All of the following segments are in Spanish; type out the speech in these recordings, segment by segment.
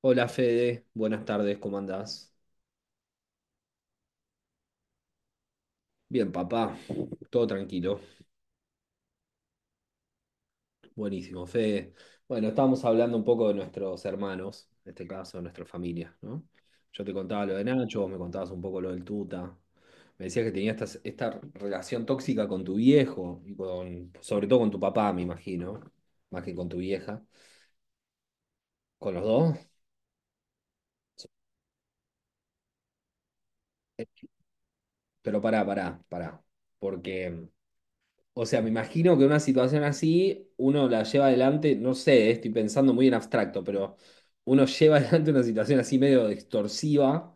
Hola Fede, buenas tardes, ¿cómo andás? Bien, papá, todo tranquilo. Buenísimo, Fede. Bueno, estábamos hablando un poco de nuestros hermanos, en este caso, de nuestra familia, ¿no? Yo te contaba lo de Nacho, vos me contabas un poco lo del Tuta. Me decías que tenías esta relación tóxica con tu viejo y con, sobre todo con tu papá, me imagino, más que con tu vieja, con los dos. Eh, Pero pará, porque o sea, me imagino que una situación así uno la lleva adelante, no sé, estoy pensando muy en abstracto, pero uno lleva adelante una situación así medio extorsiva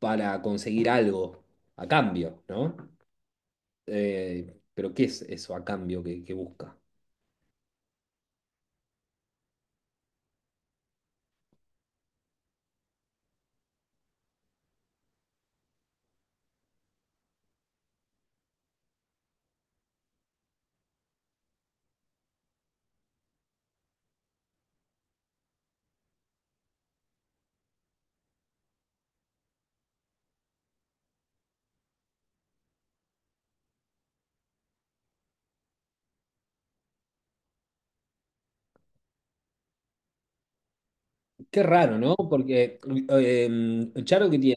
para conseguir algo a cambio, ¿no? Pero ¿qué es eso a cambio que busca? Qué raro, ¿no? Porque Charo que tiene...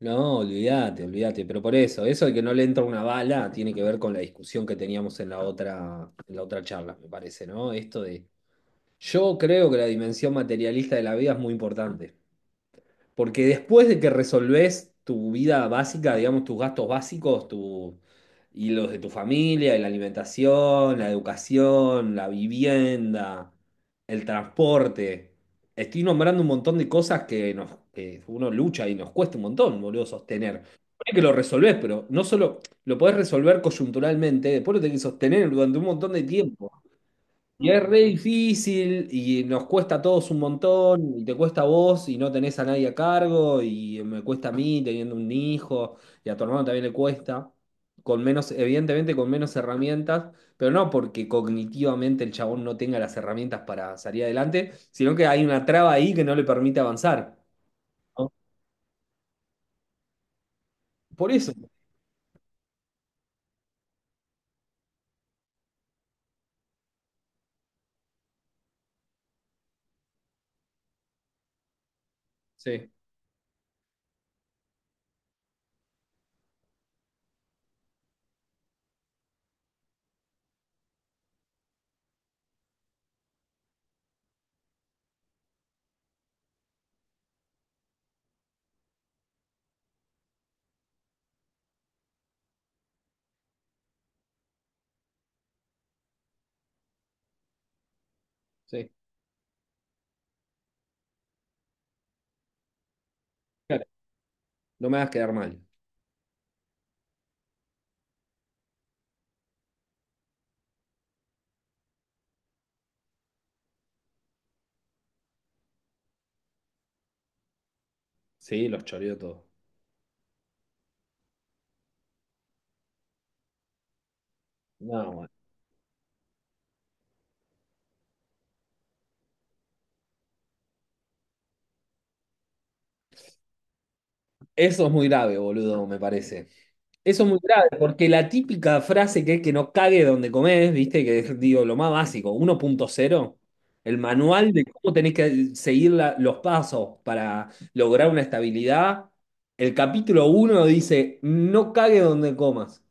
No, olvídate, olvídate, pero por eso, eso de que no le entra una bala tiene que ver con la discusión que teníamos en la otra charla, me parece, ¿no? Esto de yo creo que la dimensión materialista de la vida es muy importante, porque después de que resolvés tu vida básica, digamos, tus gastos básicos, tu, y los de tu familia, y la alimentación, la educación, la vivienda, el transporte, estoy nombrando un montón de cosas que, nos, que uno lucha y nos cuesta un montón, boludo, sostener. Ponele que lo resolvés, pero no solo lo podés resolver coyunturalmente, después lo tenés que sostener durante un montón de tiempo. Y es re difícil y nos cuesta a todos un montón, y te cuesta a vos y no tenés a nadie a cargo, y me cuesta a mí teniendo un hijo, y a tu hermano también le cuesta, con menos, evidentemente con menos herramientas, pero no porque cognitivamente el chabón no tenga las herramientas para salir adelante, sino que hay una traba ahí que no le permite avanzar. ¿No? Por eso. Sí, sí. Claro, no me hagas quedar mal. Sí, los choreo todo. No, eso es muy grave, boludo, me parece. Eso es muy grave, porque la típica frase que es que no cague donde comés, viste, que es, digo, lo más básico, uno punto cero, el manual de cómo tenés que seguir la- los pasos para lograr una estabilidad. El capítulo uno dice, no cague donde comas.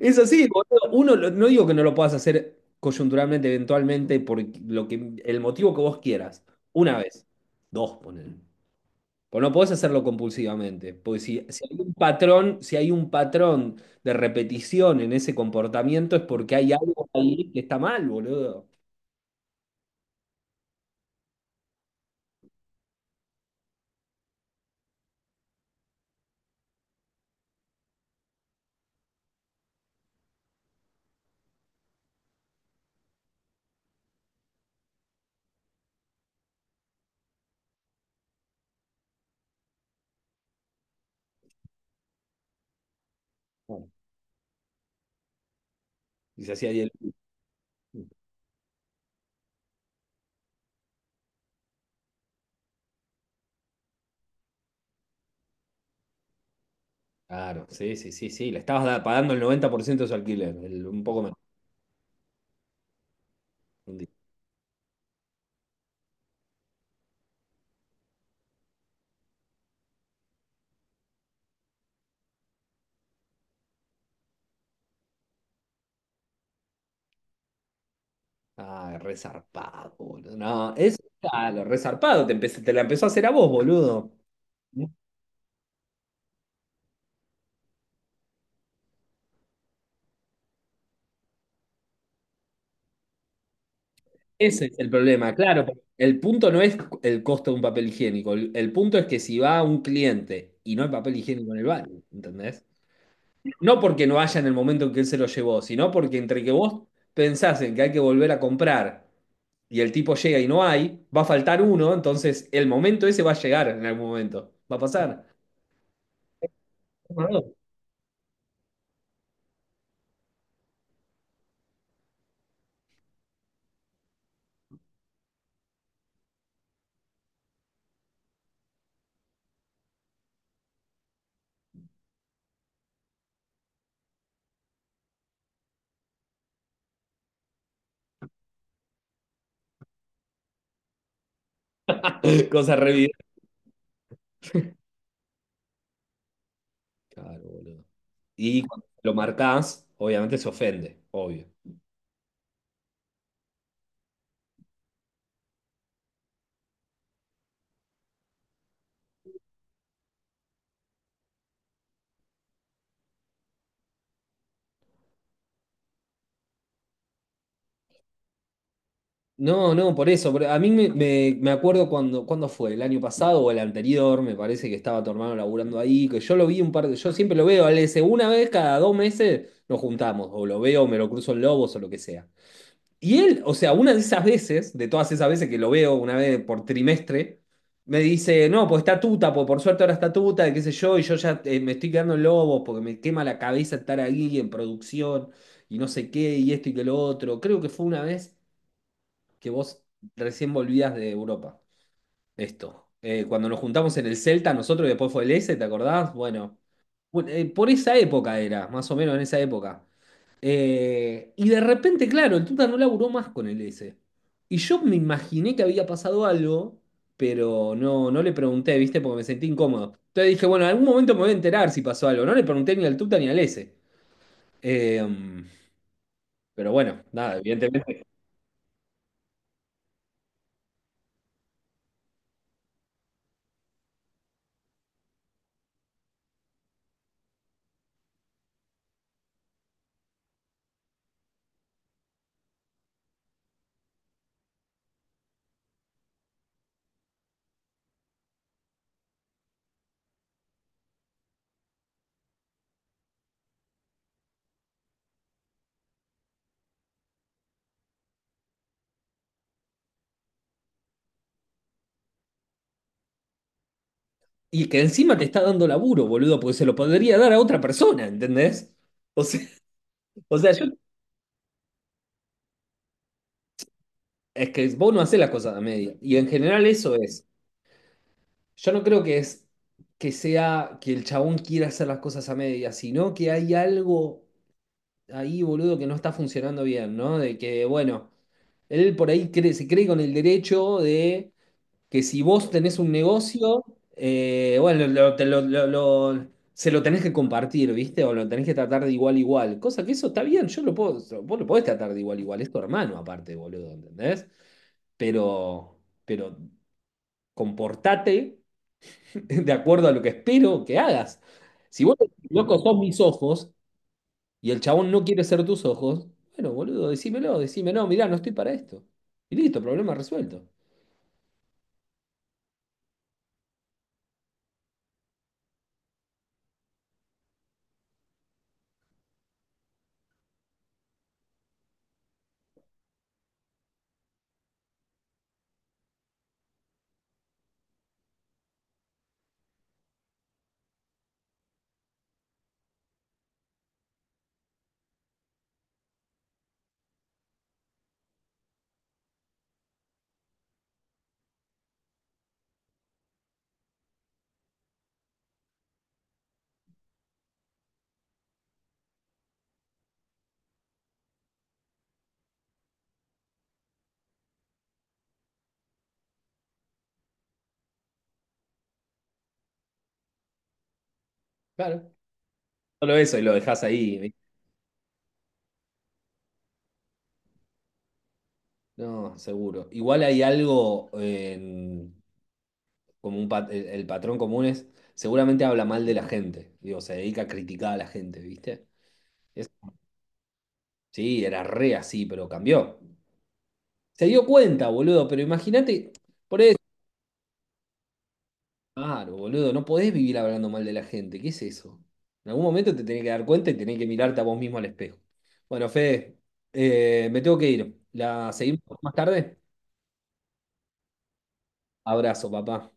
Es así, boludo. Uno, lo- no digo que no lo puedas hacer coyunturalmente, eventualmente, por lo que, el motivo que vos quieras. Una vez, dos, ponele. Pues no podés hacerlo compulsivamente, porque si hay un patrón, si hay un patrón de repetición en ese comportamiento es porque hay algo ahí que está mal, boludo. Bueno, y se hacía ahí el- claro, sí, sí, sí, sí. Le estabas da- pagando el 90% de su alquiler, el- un poco menos. Un día. Ah, resarpado, boludo. No, es claro, resarpado, te empecé- te la empezó a hacer a vos, boludo. Ese es el problema, claro. Porque el punto no es el costo de un papel higiénico, el punto es que si va un cliente y no hay papel higiénico en el baño, ¿entendés? No porque no haya en el momento en que él se lo llevó, sino porque entre que vos pensás en que hay que volver a comprar y el tipo llega y no hay, va a faltar uno, entonces el momento ese va a llegar en algún momento, va a pasar. Cosa re evidente. Claro, boludo. Y cuando lo marcás, obviamente se ofende, obvio. No, no, por eso. Por- a mí me, me- me acuerdo cuando, cuando fue, el año pasado o el anterior, me parece que estaba tu hermano laburando ahí, que yo lo vi un par de, yo siempre lo veo, al ese, una vez cada dos meses nos juntamos, o lo veo, me lo cruzo en Lobos o lo que sea. Y él, o sea, una de esas veces, de todas esas veces que lo veo una vez por trimestre, me dice, no, pues está tuta, pues por suerte ahora está tuta, y qué sé yo, y yo ya me estoy quedando en Lobos porque me quema la cabeza estar ahí en producción y no sé qué, y esto y que lo otro. Creo que fue una vez que vos recién volvías de Europa. Esto. Cuando nos juntamos en el Celta, nosotros, y después fue el S, ¿te acordás? Bueno, bu- por esa época era, más o menos en esa época. Y de repente, claro, el Tuta no laburó más con el S. Y yo me imaginé que había pasado algo, pero no, no le pregunté, ¿viste? Porque me sentí incómodo. Entonces dije, bueno, en algún momento me voy a enterar si pasó algo. No le pregunté ni al Tuta ni al S. Eh, pero bueno, nada, evidentemente y que encima te está dando laburo, boludo, porque se lo podría dar a otra persona, ¿entendés? O sea, o sea, yo, es que vos no hacés las cosas a media. Y en general eso es. Yo no creo que es que sea que el chabón quiera hacer las cosas a media, sino que hay algo ahí, boludo, que no está funcionando bien, ¿no? De que, bueno, él por ahí cree, se cree con el derecho de que si vos tenés un negocio, bueno, lo- te lo- se lo tenés que compartir, ¿viste? O lo tenés que tratar de igual a igual. Cosa que eso está bien, yo lo puedo, so, vos lo podés tratar de igual a igual, es tu hermano aparte, boludo, ¿entendés? Pero, pero comportate de acuerdo a lo que espero que hagas. Si vos, loco, sos mis ojos y el chabón no quiere ser tus ojos, bueno, boludo, decímelo, decímelo, "No, mirá, no estoy para esto. Y listo, problema resuelto. Claro. Solo eso y lo dejás ahí, no, seguro. Igual hay algo en como un pat- el patrón común es, seguramente habla mal de la gente. Digo, se dedica a criticar a la gente, ¿viste? Es- sí, era re así, pero cambió. Se dio cuenta, boludo, pero imagínate, por eso, claro, boludo, no podés vivir hablando mal de la gente. ¿Qué es eso? En algún momento te tenés que dar cuenta y tenés que mirarte a vos mismo al espejo. Bueno, Fede, me tengo que ir. ¿La seguimos más tarde? Abrazo, papá.